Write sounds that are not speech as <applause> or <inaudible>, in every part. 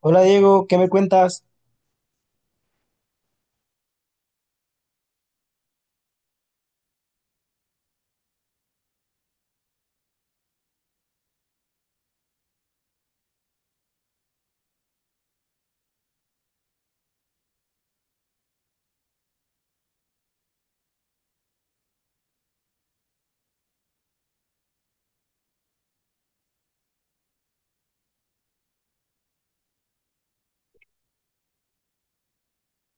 Hola Diego, ¿qué me cuentas?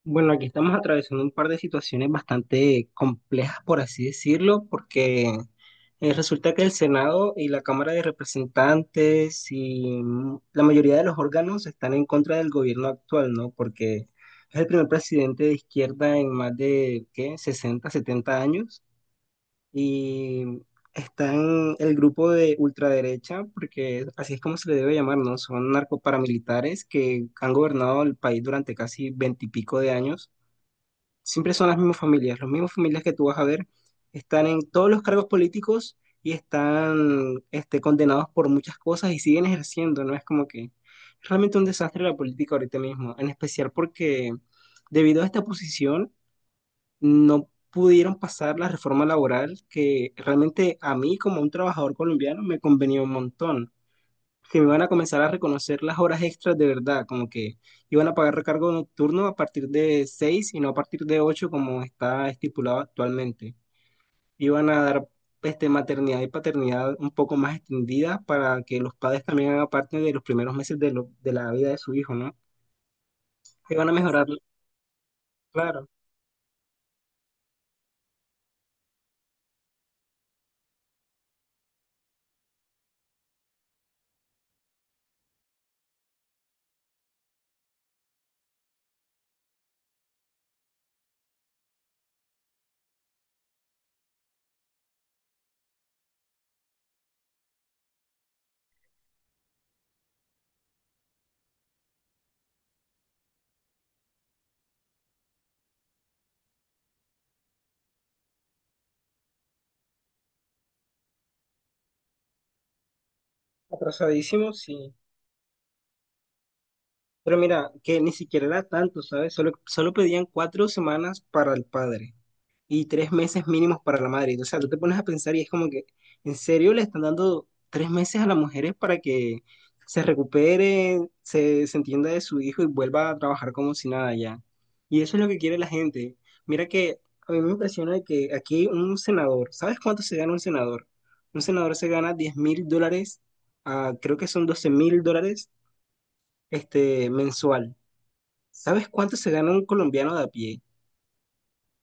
Bueno, aquí estamos atravesando un par de situaciones bastante complejas, por así decirlo, porque resulta que el Senado y la Cámara de Representantes y la mayoría de los órganos están en contra del gobierno actual, ¿no? Porque es el primer presidente de izquierda en más de, ¿qué?, 60, 70 años. Y están el grupo de ultraderecha, porque así es como se le debe llamar, ¿no? Son narcoparamilitares que han gobernado el país durante casi veintipico de años. Siempre son las mismas familias que tú vas a ver están en todos los cargos políticos y están condenados por muchas cosas y siguen ejerciendo, ¿no? Es como que es realmente un desastre la política ahorita mismo, en especial porque debido a esta posición no pudieron pasar la reforma laboral que realmente a mí como un trabajador colombiano me convenía un montón. Que me iban a comenzar a reconocer las horas extras de verdad, como que iban a pagar recargo nocturno a partir de 6 y no a partir de 8 como está estipulado actualmente. Iban a dar maternidad y paternidad un poco más extendida para que los padres también hagan parte de los primeros meses de la vida de su hijo, ¿no? Iban a mejorar, claro. Atrasadísimo, sí. Pero mira, que ni siquiera era tanto, ¿sabes? Solo pedían 4 semanas para el padre y 3 meses mínimos para la madre. O sea, tú te pones a pensar y es como que, ¿en serio le están dando 3 meses a las mujeres para que se recupere, se entienda de su hijo y vuelva a trabajar como si nada ya? Y eso es lo que quiere la gente. Mira que a mí me impresiona que aquí un senador, ¿sabes cuánto se gana un senador? Un senador se gana $10.000, ah, creo que son $12.000 mensual. ¿Sabes cuánto se gana un colombiano de a pie?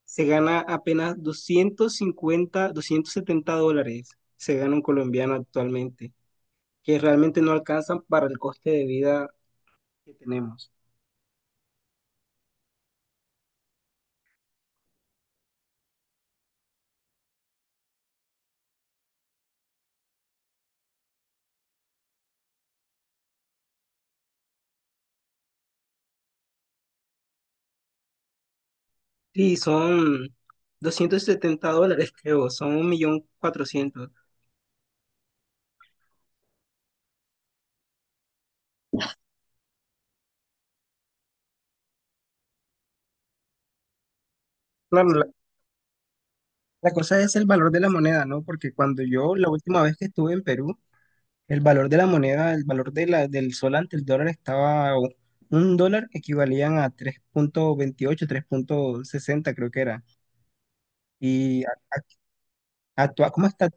Se gana apenas 250, $270. Se gana un colombiano actualmente, que realmente no alcanzan para el coste de vida que tenemos. Sí, son $270, <laughs> creo, son 1.400.000. Claro, la cosa es el valor de la moneda, ¿no? Porque cuando yo, la última vez que estuve en Perú. El valor de la moneda, el valor de del sol ante el dólar estaba. O un dólar equivalían a 3,28, 3,60 creo que era. Y a- a- ¿Cómo está?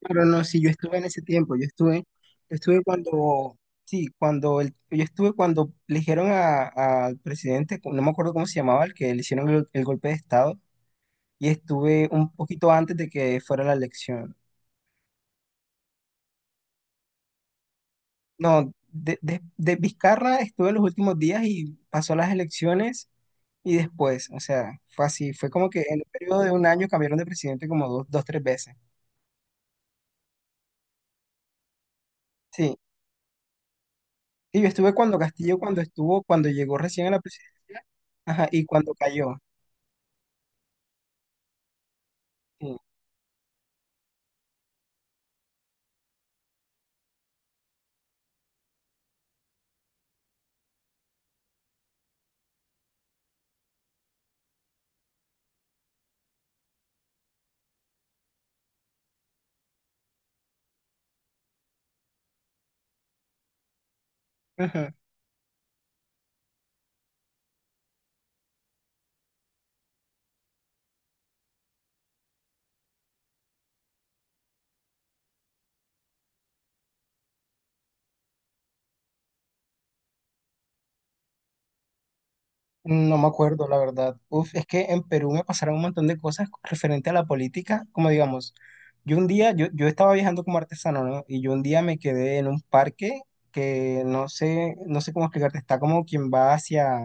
Pero no, si yo estuve en ese tiempo, yo estuve cuando, sí, cuando, yo estuve cuando eligieron al presidente, no me acuerdo cómo se llamaba, el que le hicieron el golpe de estado, y estuve un poquito antes de que fuera la elección. No, de Vizcarra estuve en los últimos días y pasó las elecciones. Y después, o sea, fue así, fue como que en un periodo de un año cambiaron de presidente como dos, dos, tres veces. Sí, y yo estuve cuando Castillo, cuando estuvo, cuando llegó recién a la presidencia, ajá, y cuando cayó. Sí. Ujú. No me acuerdo, la verdad. Uf, es que en Perú me pasaron un montón de cosas referente a la política, como digamos, yo un día, yo estaba viajando como artesano, ¿no? Y yo un día me quedé en un parque que no sé, no sé cómo explicarte, está como quien va hacia...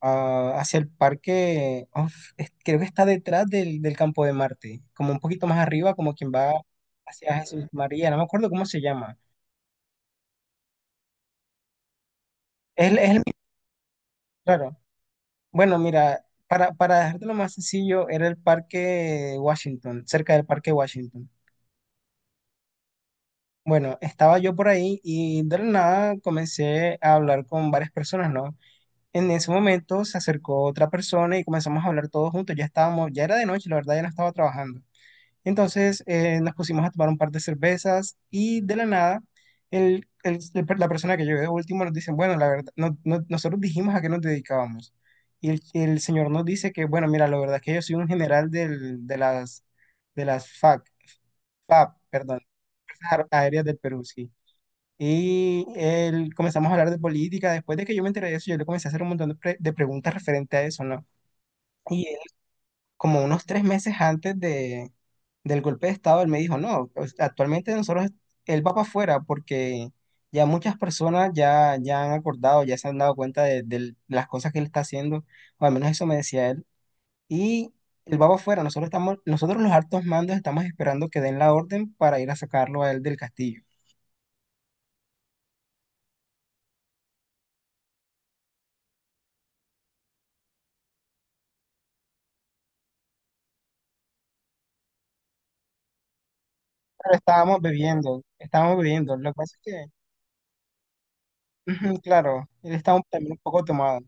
ah, hacia el parque, uf, creo que está detrás del campo de Marte, como un poquito más arriba, como quien va hacia Jesús María, no me acuerdo cómo se llama. Es el mismo, claro. Bueno, mira, para dejártelo más sencillo, era el parque Washington, cerca del parque Washington. Bueno, estaba yo por ahí y de la nada comencé a hablar con varias personas, ¿no? En ese momento se acercó otra persona y comenzamos a hablar todos juntos. Ya estábamos, ya era de noche, la verdad, ya no estaba trabajando. Entonces nos pusimos a tomar un par de cervezas y de la nada la persona que llegó de último nos dice, bueno, la verdad, nosotros dijimos a qué nos dedicábamos. Y el señor nos dice que, bueno, mira, la verdad es que yo soy un general de las FAC, FAP, perdón, Fuerzas Aéreas del Perú, sí. Y él, comenzamos a hablar de política. Después de que yo me enteré de eso, yo le comencé a hacer un montón de preguntas referente a eso, ¿no? Y él, como unos 3 meses antes del golpe de Estado, él me dijo, no, pues, actualmente nosotros, él va para afuera porque ya muchas personas ya han acordado, ya se han dado cuenta de las cosas que él está haciendo, o al menos eso me decía él, y él va para afuera, nosotros estamos, nosotros los altos mandos estamos esperando que den la orden para ir a sacarlo a él del castillo. Pero estábamos bebiendo, lo que pasa es que, ujú, claro, él estaba también un poco tomado.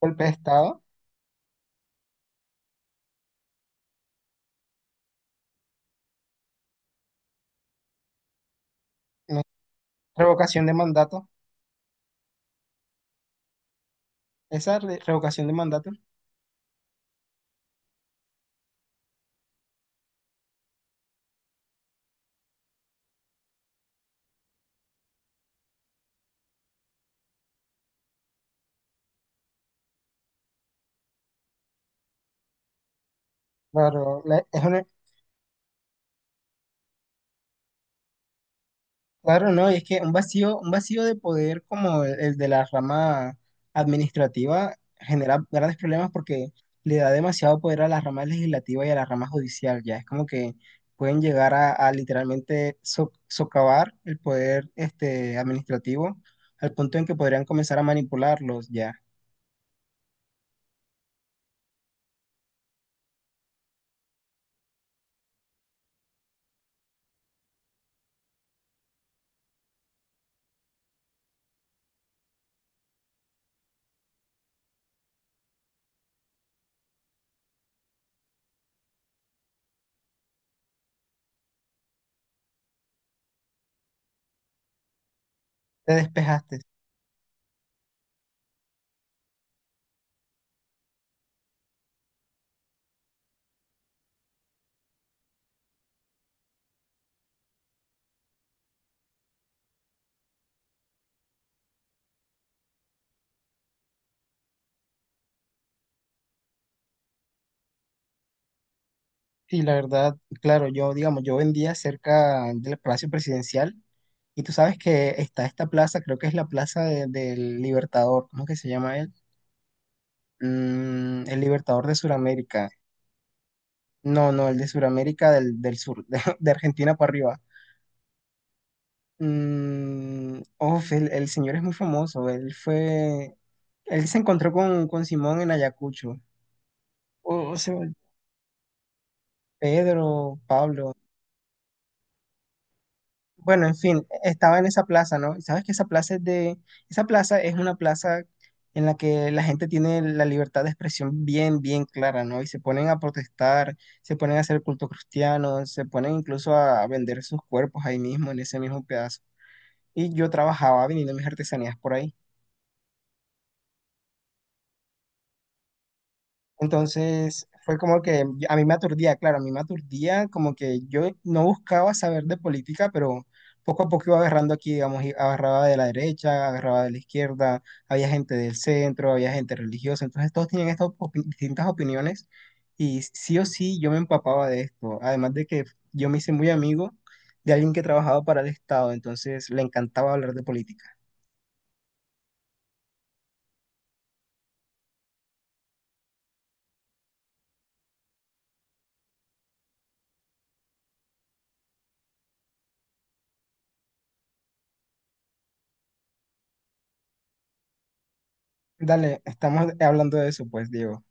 Golpe de Estado, ¿no? Revocación de mandato, revocación de mandato. Claro, la- es una. Claro, no, y es que un vacío de poder como el de la rama administrativa genera grandes problemas porque le da demasiado poder a la rama legislativa y a la rama judicial, ya es como que pueden llegar a literalmente socavar el poder administrativo al punto en que podrían comenzar a manipularlos, ya. Te despejaste. Y la verdad, claro, yo, digamos, yo vendía cerca del Palacio Presidencial y tú sabes que está esta plaza, creo que es la plaza del Libertador, ¿cómo que se llama él? El Libertador de Sudamérica. No, no, el de Sudamérica del sur, <laughs> de Argentina para arriba. El señor es muy famoso, él fue, él se encontró con Simón en Ayacucho. O o, sea, Pedro, Pablo. Bueno, en fin, estaba en esa plaza, ¿no? Y sabes que esa plaza es una plaza en la que la gente tiene la libertad de expresión bien, bien clara, ¿no? Y se ponen a protestar, se ponen a hacer culto cristiano, se ponen incluso a vender sus cuerpos ahí mismo, en ese mismo pedazo. Y yo trabajaba vendiendo mis artesanías por ahí. Entonces fue como que a mí me aturdía, claro, a mí me aturdía, como que yo no buscaba saber de política, pero poco a poco iba agarrando aquí, digamos, y agarraba de la derecha, agarraba de la izquierda, había gente del centro, había gente religiosa, entonces todos tenían estas distintas opiniones y sí o sí yo me empapaba de esto, además de que yo me hice muy amigo de alguien que trabajaba para el Estado, entonces le encantaba hablar de política. Dale, estamos hablando de eso, pues, Diego.